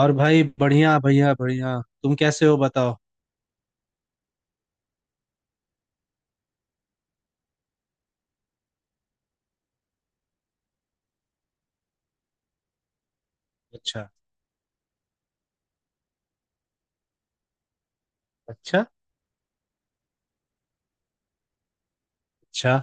और भाई, बढ़िया बढ़िया बढ़िया। तुम कैसे हो, बताओ। अच्छा। अच्छा। अच्छा।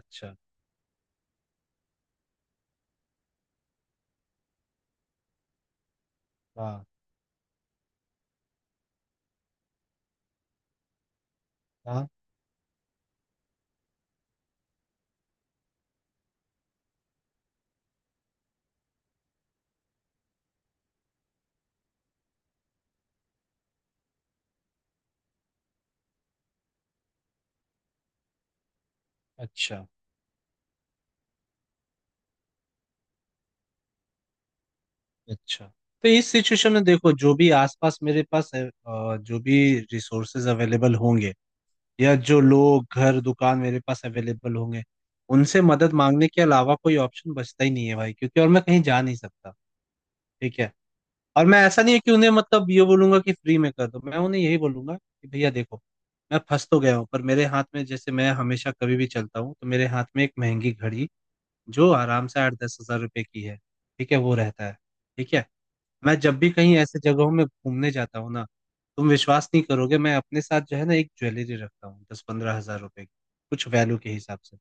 अच्छा। हाँ, हाँ। अच्छा। अच्छा। तो इस सिचुएशन में देखो, जो भी आसपास मेरे पास है, जो भी रिसोर्सेज अवेलेबल होंगे या जो लोग घर दुकान मेरे पास अवेलेबल होंगे, उनसे मदद मांगने के अलावा कोई ऑप्शन बचता ही नहीं है भाई, क्योंकि और मैं कहीं जा नहीं सकता। ठीक है। और मैं, ऐसा नहीं है कि उन्हें मतलब ये बोलूंगा कि फ्री में कर दो। मैं उन्हें यही बोलूंगा कि भैया देखो, मैं फंस तो गया हूँ, पर मेरे हाथ में, जैसे मैं हमेशा कभी भी चलता हूँ तो मेरे हाथ में एक महंगी घड़ी जो आराम से 8-10 हजार रुपए की है, ठीक है, वो रहता है। ठीक है। मैं जब भी कहीं ऐसे जगहों में घूमने जाता हूँ ना, तुम विश्वास नहीं करोगे, मैं अपने साथ जो है ना एक ज्वेलरी रखता हूँ 10-15 हजार रुपए की, कुछ वैल्यू के हिसाब से।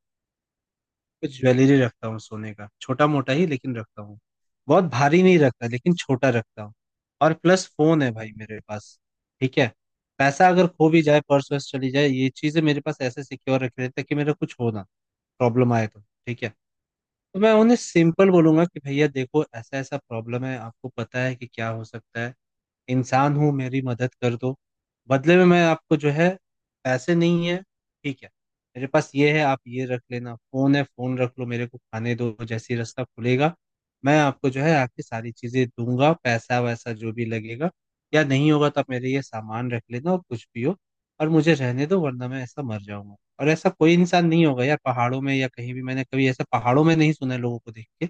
कुछ ज्वेलरी रखता हूँ सोने का, छोटा मोटा ही लेकिन रखता हूँ। बहुत भारी नहीं रखता लेकिन छोटा रखता हूँ। और प्लस फोन है भाई मेरे पास। ठीक है। पैसा अगर खो भी जाए, पर्स वर्स चली जाए, ये चीजें मेरे पास ऐसे सिक्योर रख रहे ताकि मेरा कुछ हो ना, प्रॉब्लम आए तो। ठीक है। तो मैं उन्हें सिंपल बोलूंगा कि भैया देखो, ऐसा ऐसा प्रॉब्लम है, आपको पता है कि क्या हो सकता है, इंसान हूँ, मेरी मदद कर दो। बदले में मैं आपको जो है, पैसे नहीं है, ठीक है, मेरे पास ये है, आप ये रख लेना, फोन है, फोन रख लो, मेरे को खाने दो, जैसे ही रास्ता खुलेगा मैं आपको जो है आपकी सारी चीजें दूंगा, पैसा वैसा जो भी लगेगा। या नहीं होगा तो आप मेरे ये सामान रख लेना और कुछ भी हो, और मुझे रहने दो, वरना मैं ऐसा मर जाऊंगा। और ऐसा कोई इंसान नहीं होगा यार पहाड़ों में, या कहीं भी मैंने कभी ऐसा पहाड़ों में नहीं सुना है, लोगों को देख के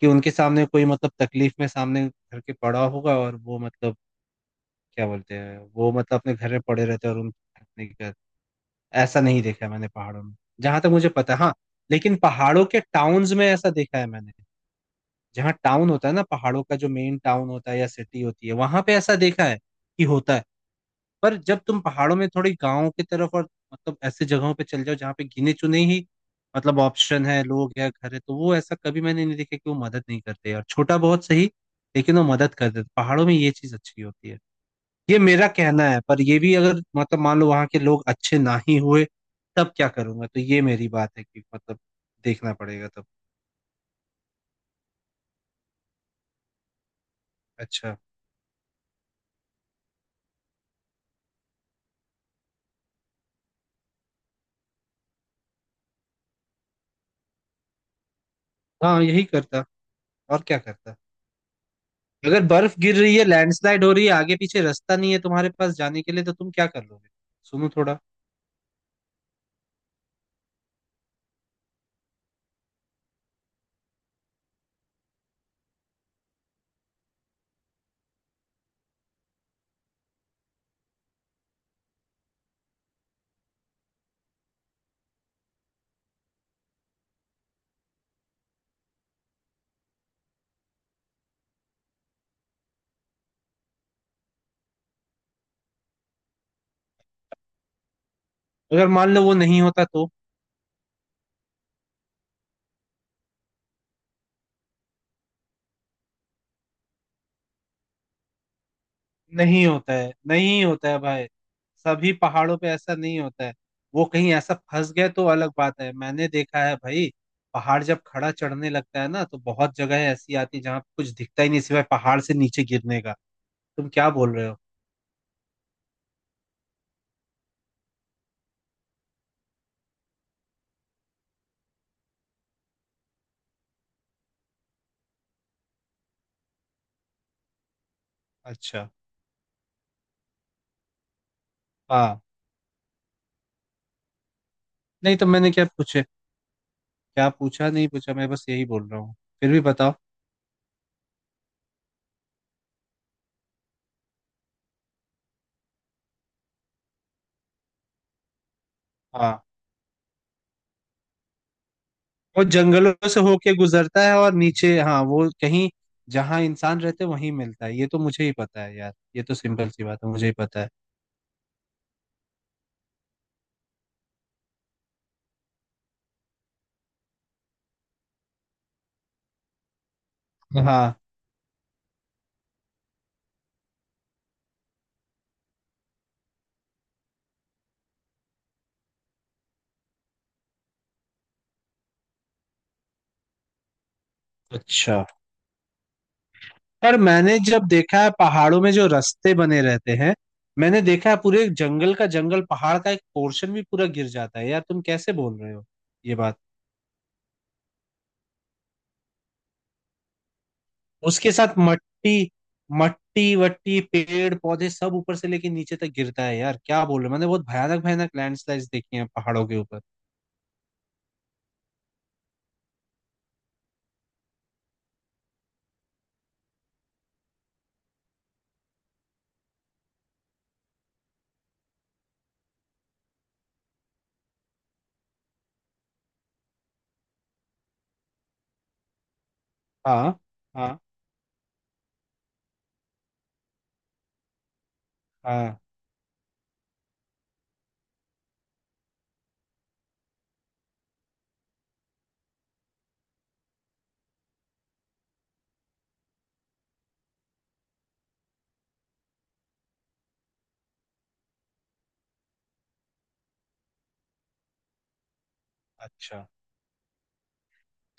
कि उनके सामने कोई मतलब तकलीफ में सामने घर के पड़ा होगा और वो मतलब क्या बोलते हैं, वो मतलब अपने घर में पड़े रहते हैं और उन नहीं कर। ऐसा नहीं देखा है मैंने पहाड़ों में, जहां तक मुझे पता है, हाँ। लेकिन पहाड़ों के टाउन्स में ऐसा देखा है मैंने। जहाँ टाउन होता है ना पहाड़ों का, जो मेन टाउन होता है या सिटी होती है, वहां पे ऐसा देखा है कि होता है। पर जब तुम पहाड़ों में थोड़ी गाँव की तरफ और मतलब ऐसे जगहों पे चल जाओ जहाँ पे गिने चुने ही मतलब ऑप्शन है, लोग है, घर है, तो वो ऐसा कभी मैंने नहीं देखा कि वो मदद नहीं करते, और छोटा बहुत सही, लेकिन वो मदद कर देते। पहाड़ों में ये चीज अच्छी होती है, ये मेरा कहना है। पर ये भी अगर मतलब मान लो वहां के लोग अच्छे ना ही हुए, तब क्या करूंगा, तो ये मेरी बात है कि मतलब देखना पड़ेगा तब। अच्छा। हाँ यही करता, और क्या करता। अगर बर्फ गिर रही है, लैंडस्लाइड हो रही है, आगे पीछे रास्ता नहीं है तुम्हारे पास जाने के लिए, तो तुम क्या कर लोगे। सुनो थोड़ा। अगर मान लो वो नहीं होता तो? नहीं होता है, नहीं होता है भाई। सभी पहाड़ों पे ऐसा नहीं होता है। वो कहीं ऐसा फंस गए तो अलग बात है। मैंने देखा है भाई, पहाड़ जब खड़ा चढ़ने लगता है ना तो बहुत जगह ऐसी आती है जहाँ कुछ दिखता ही नहीं सिवाय पहाड़ से नीचे गिरने का। तुम क्या बोल रहे हो। अच्छा। हाँ। नहीं तो मैंने क्या पूछे, क्या पूछा नहीं पूछा, मैं बस यही बोल रहा हूँ। फिर भी बताओ। हाँ, वो जंगलों से होके गुजरता है और नीचे, हाँ वो कहीं जहाँ इंसान रहते वहीं मिलता है, ये तो मुझे ही पता है यार, ये तो सिंपल सी बात है, मुझे ही पता है। हाँ। अच्छा, पर मैंने जब देखा है पहाड़ों में जो रास्ते बने रहते हैं, मैंने देखा है, पूरे जंगल का जंगल, पहाड़ का एक पोर्शन भी पूरा गिर जाता है यार, तुम कैसे बोल रहे हो ये बात। उसके साथ मट्टी, मट्टी वट्टी पेड़ पौधे सब ऊपर से लेके नीचे तक गिरता है यार, क्या बोल रहे हो, मैंने बहुत भयानक भयानक लैंडस्लाइड्स देखी हैं पहाड़ों के ऊपर। हाँ, हाँ, हाँ। अच्छा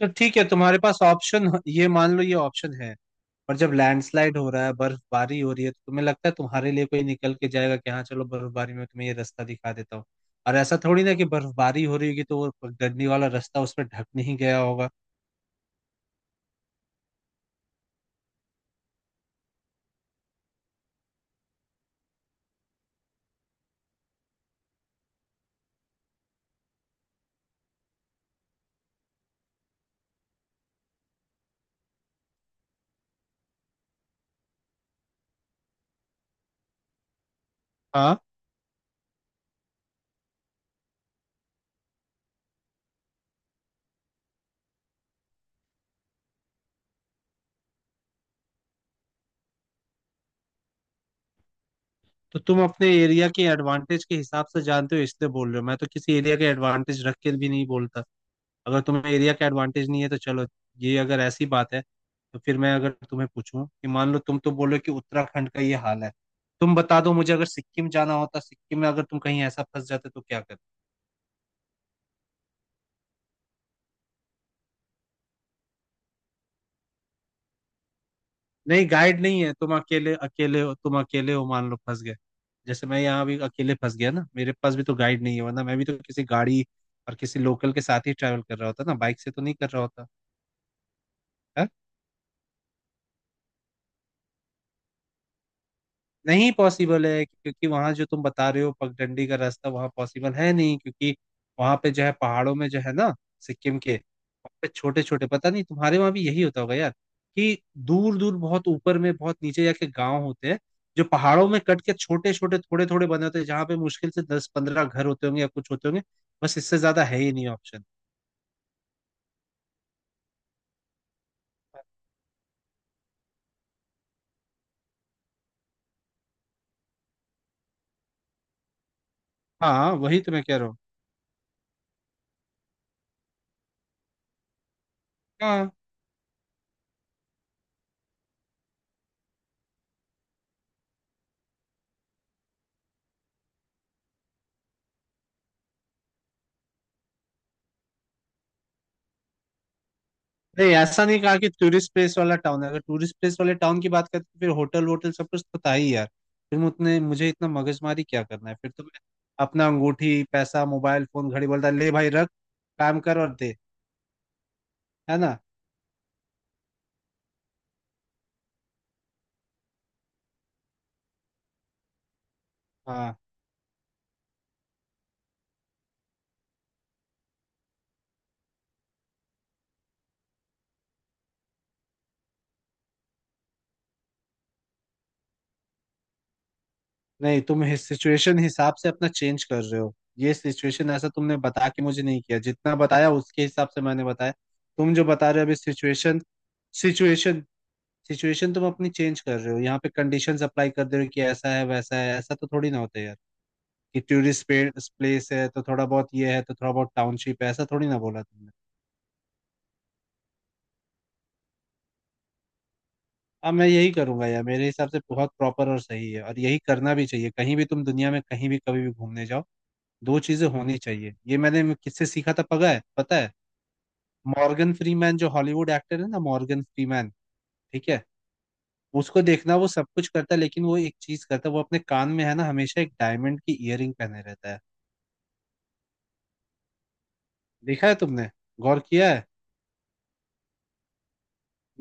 तो ठीक है, तुम्हारे पास ऑप्शन ये, मान लो ये ऑप्शन है, और जब लैंडस्लाइड हो रहा है, बर्फबारी हो रही है, तो तुम्हें लगता है तुम्हारे लिए कोई निकल के जाएगा कि हाँ चलो बर्फबारी में तुम्हें ये रास्ता दिखा देता हूँ? और ऐसा थोड़ी ना कि बर्फबारी हो रही होगी तो वो गड्डी वाला रास्ता उस पर ढक नहीं गया होगा। तो तुम अपने एरिया के एडवांटेज के हिसाब से जानते हो इसलिए बोल रहे हो, मैं तो किसी एरिया के एडवांटेज रख के भी नहीं बोलता। अगर तुम्हें एरिया का एडवांटेज नहीं है तो चलो, ये अगर ऐसी बात है तो फिर मैं अगर तुम्हें पूछूं कि मान लो, तुम तो बोलो कि उत्तराखंड का ये हाल है, तुम बता दो मुझे अगर सिक्किम जाना होता, सिक्किम में अगर तुम कहीं ऐसा फंस जाते तो क्या करते। नहीं, गाइड नहीं है, तुम अकेले, अकेले हो, तुम अकेले हो, मान लो फंस गए। जैसे मैं यहाँ भी अकेले फंस गया ना, मेरे पास भी तो गाइड नहीं है, वरना मैं भी तो किसी गाड़ी और किसी लोकल के साथ ही ट्रैवल कर रहा होता ना, बाइक से तो नहीं कर रहा होता। है? नहीं पॉसिबल है, क्योंकि वहां जो तुम बता रहे हो पगडंडी का रास्ता, वहां पॉसिबल है नहीं, क्योंकि वहां पे जो है पहाड़ों में जो है ना, सिक्किम के, वहां पे छोटे छोटे, पता नहीं तुम्हारे वहां भी यही होता होगा यार, कि दूर दूर, बहुत ऊपर में बहुत नीचे जाके गांव होते हैं जो पहाड़ों में कट के छोटे छोटे थोड़े थोड़े बने होते हैं जहाँ पे मुश्किल से 10-15 घर होते होंगे या कुछ होते होंगे, बस, इससे ज्यादा है ही नहीं ऑप्शन। हाँ वही तो मैं कह रहा हूँ। हाँ नहीं, ऐसा नहीं कहा कि टूरिस्ट प्लेस वाला टाउन है, अगर टूरिस्ट प्लेस वाले टाउन की बात करते फिर होटल वोटल सब कुछ तो था ही यार, फिर मैं उतने, मुझे इतना मगजमारी क्या करना है, फिर तो मैं अपना अंगूठी पैसा मोबाइल फोन घड़ी बोलता, ले भाई रख, काम कर और दे। है ना? हाँ नहीं, तुम सिचुएशन हिसाब से अपना चेंज कर रहे हो, ये सिचुएशन ऐसा तुमने बता के मुझे नहीं किया, जितना बताया उसके हिसाब से मैंने बताया। तुम जो बता रहे हो अभी, सिचुएशन सिचुएशन सिचुएशन, तुम अपनी चेंज कर रहे हो, यहाँ पे कंडीशंस अप्लाई कर दे रहे हो कि ऐसा है वैसा है, ऐसा तो थोड़ी ना होता है यार, कि टूरिस्ट प्लेस है तो थोड़ा बहुत ये है, तो थोड़ा बहुत टाउनशिप है, ऐसा थोड़ी ना बोला तुमने। अब मैं यही करूंगा यार, मेरे हिसाब से बहुत प्रॉपर और सही है, और यही करना भी चाहिए। कहीं भी तुम दुनिया में कहीं भी कभी भी घूमने जाओ, दो चीजें होनी चाहिए। ये मैंने किससे सीखा था पता है, पता है, मॉर्गन फ्रीमैन, जो हॉलीवुड एक्टर है ना, मॉर्गन फ्रीमैन। ठीक है। उसको देखना, वो सब कुछ करता है, लेकिन वो एक चीज करता है, वो अपने कान में है ना हमेशा एक डायमंड की इयररिंग पहने रहता है। देखा है तुमने, गौर किया है?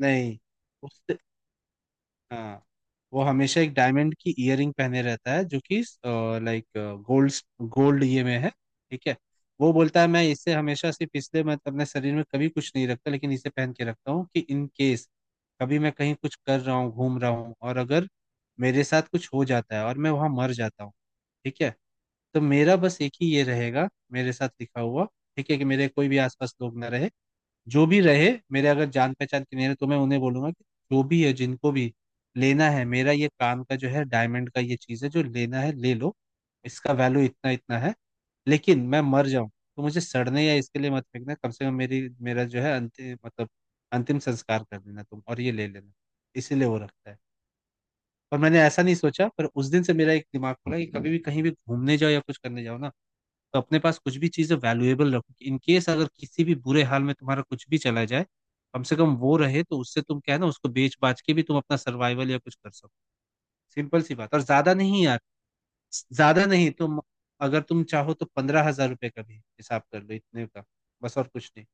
नहीं। उससे, हाँ, वो हमेशा एक डायमंड की इयररिंग पहने रहता है, जो कि लाइक गोल्ड, गोल्ड ये में है, ठीक है। वो बोलता है मैं इसे हमेशा, सिर्फ इसलिए, मैं अपने शरीर में कभी कुछ नहीं रखता लेकिन इसे पहन के रखता हूँ कि इन केस कभी मैं कहीं कुछ कर रहा हूँ, घूम रहा हूँ, और अगर मेरे साथ कुछ हो जाता है और मैं वहां मर जाता हूँ, ठीक है, तो मेरा बस एक ही ये रहेगा, मेरे साथ लिखा हुआ। ठीक है, कि मेरे कोई भी आसपास लोग ना रहे, जो भी रहे मेरे, अगर जान पहचान के नहीं रहे, तो मैं उन्हें बोलूंगा कि जो भी है जिनको भी लेना है मेरा, ये काम का जो है डायमंड का ये चीज है, जो लेना है ले लो, इसका वैल्यू इतना इतना है, लेकिन मैं मर जाऊं तो मुझे सड़ने या इसके लिए मत फेंकना, कम से कम मेरी, मेरा जो है अंतिम मतलब अंतिम संस्कार कर देना तुम, और ये ले लेना, इसीलिए वो रखता है। और मैंने ऐसा नहीं सोचा, पर उस दिन से मेरा एक दिमाग खुला कि कभी भी कहीं भी घूमने जाओ या कुछ करने जाओ ना, तो अपने पास कुछ भी चीज़ें वैल्यूएबल रखो, इन केस अगर किसी भी बुरे हाल में तुम्हारा कुछ भी चला जाए, कम से कम वो रहे तो उससे तुम क्या है ना, उसको बेच बाच के भी तुम अपना सर्वाइवल या कुछ कर सको। सिंपल सी बात, और ज्यादा नहीं यार, ज्यादा नहीं। तुम, अगर तुम चाहो तो 15 हजार रुपये का भी हिसाब कर लो इतने का, बस, और कुछ नहीं।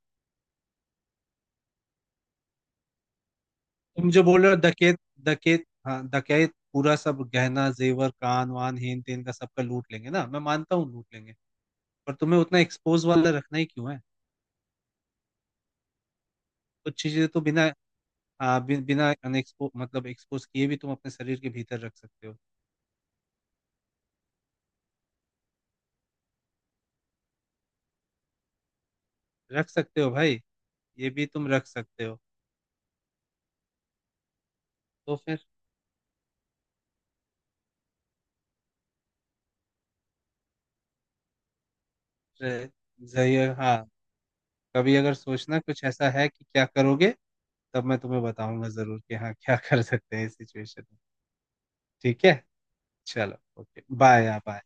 तुम जो बोल रहे हो, डकैत, डकैत, हाँ डकैत पूरा सब गहना जेवर कान वान हेन तेन का सबका लूट लेंगे ना, मैं मानता हूँ लूट लेंगे, पर तुम्हें उतना एक्सपोज वाला रखना ही क्यों है, कुछ चीजें तो बिना बिना अनएक्सपो मतलब एक्सपोज किए भी तुम अपने शरीर के भीतर रख सकते हो। रख सकते हो भाई, ये भी तुम रख सकते हो। तो फिर अ, जाइए हाँ। कभी अगर सोचना कुछ ऐसा है कि क्या करोगे, तब मैं तुम्हें बताऊंगा जरूर कि हाँ क्या कर सकते हैं इस सिचुएशन में। ठीक है। चलो ओके बाय, या बाय।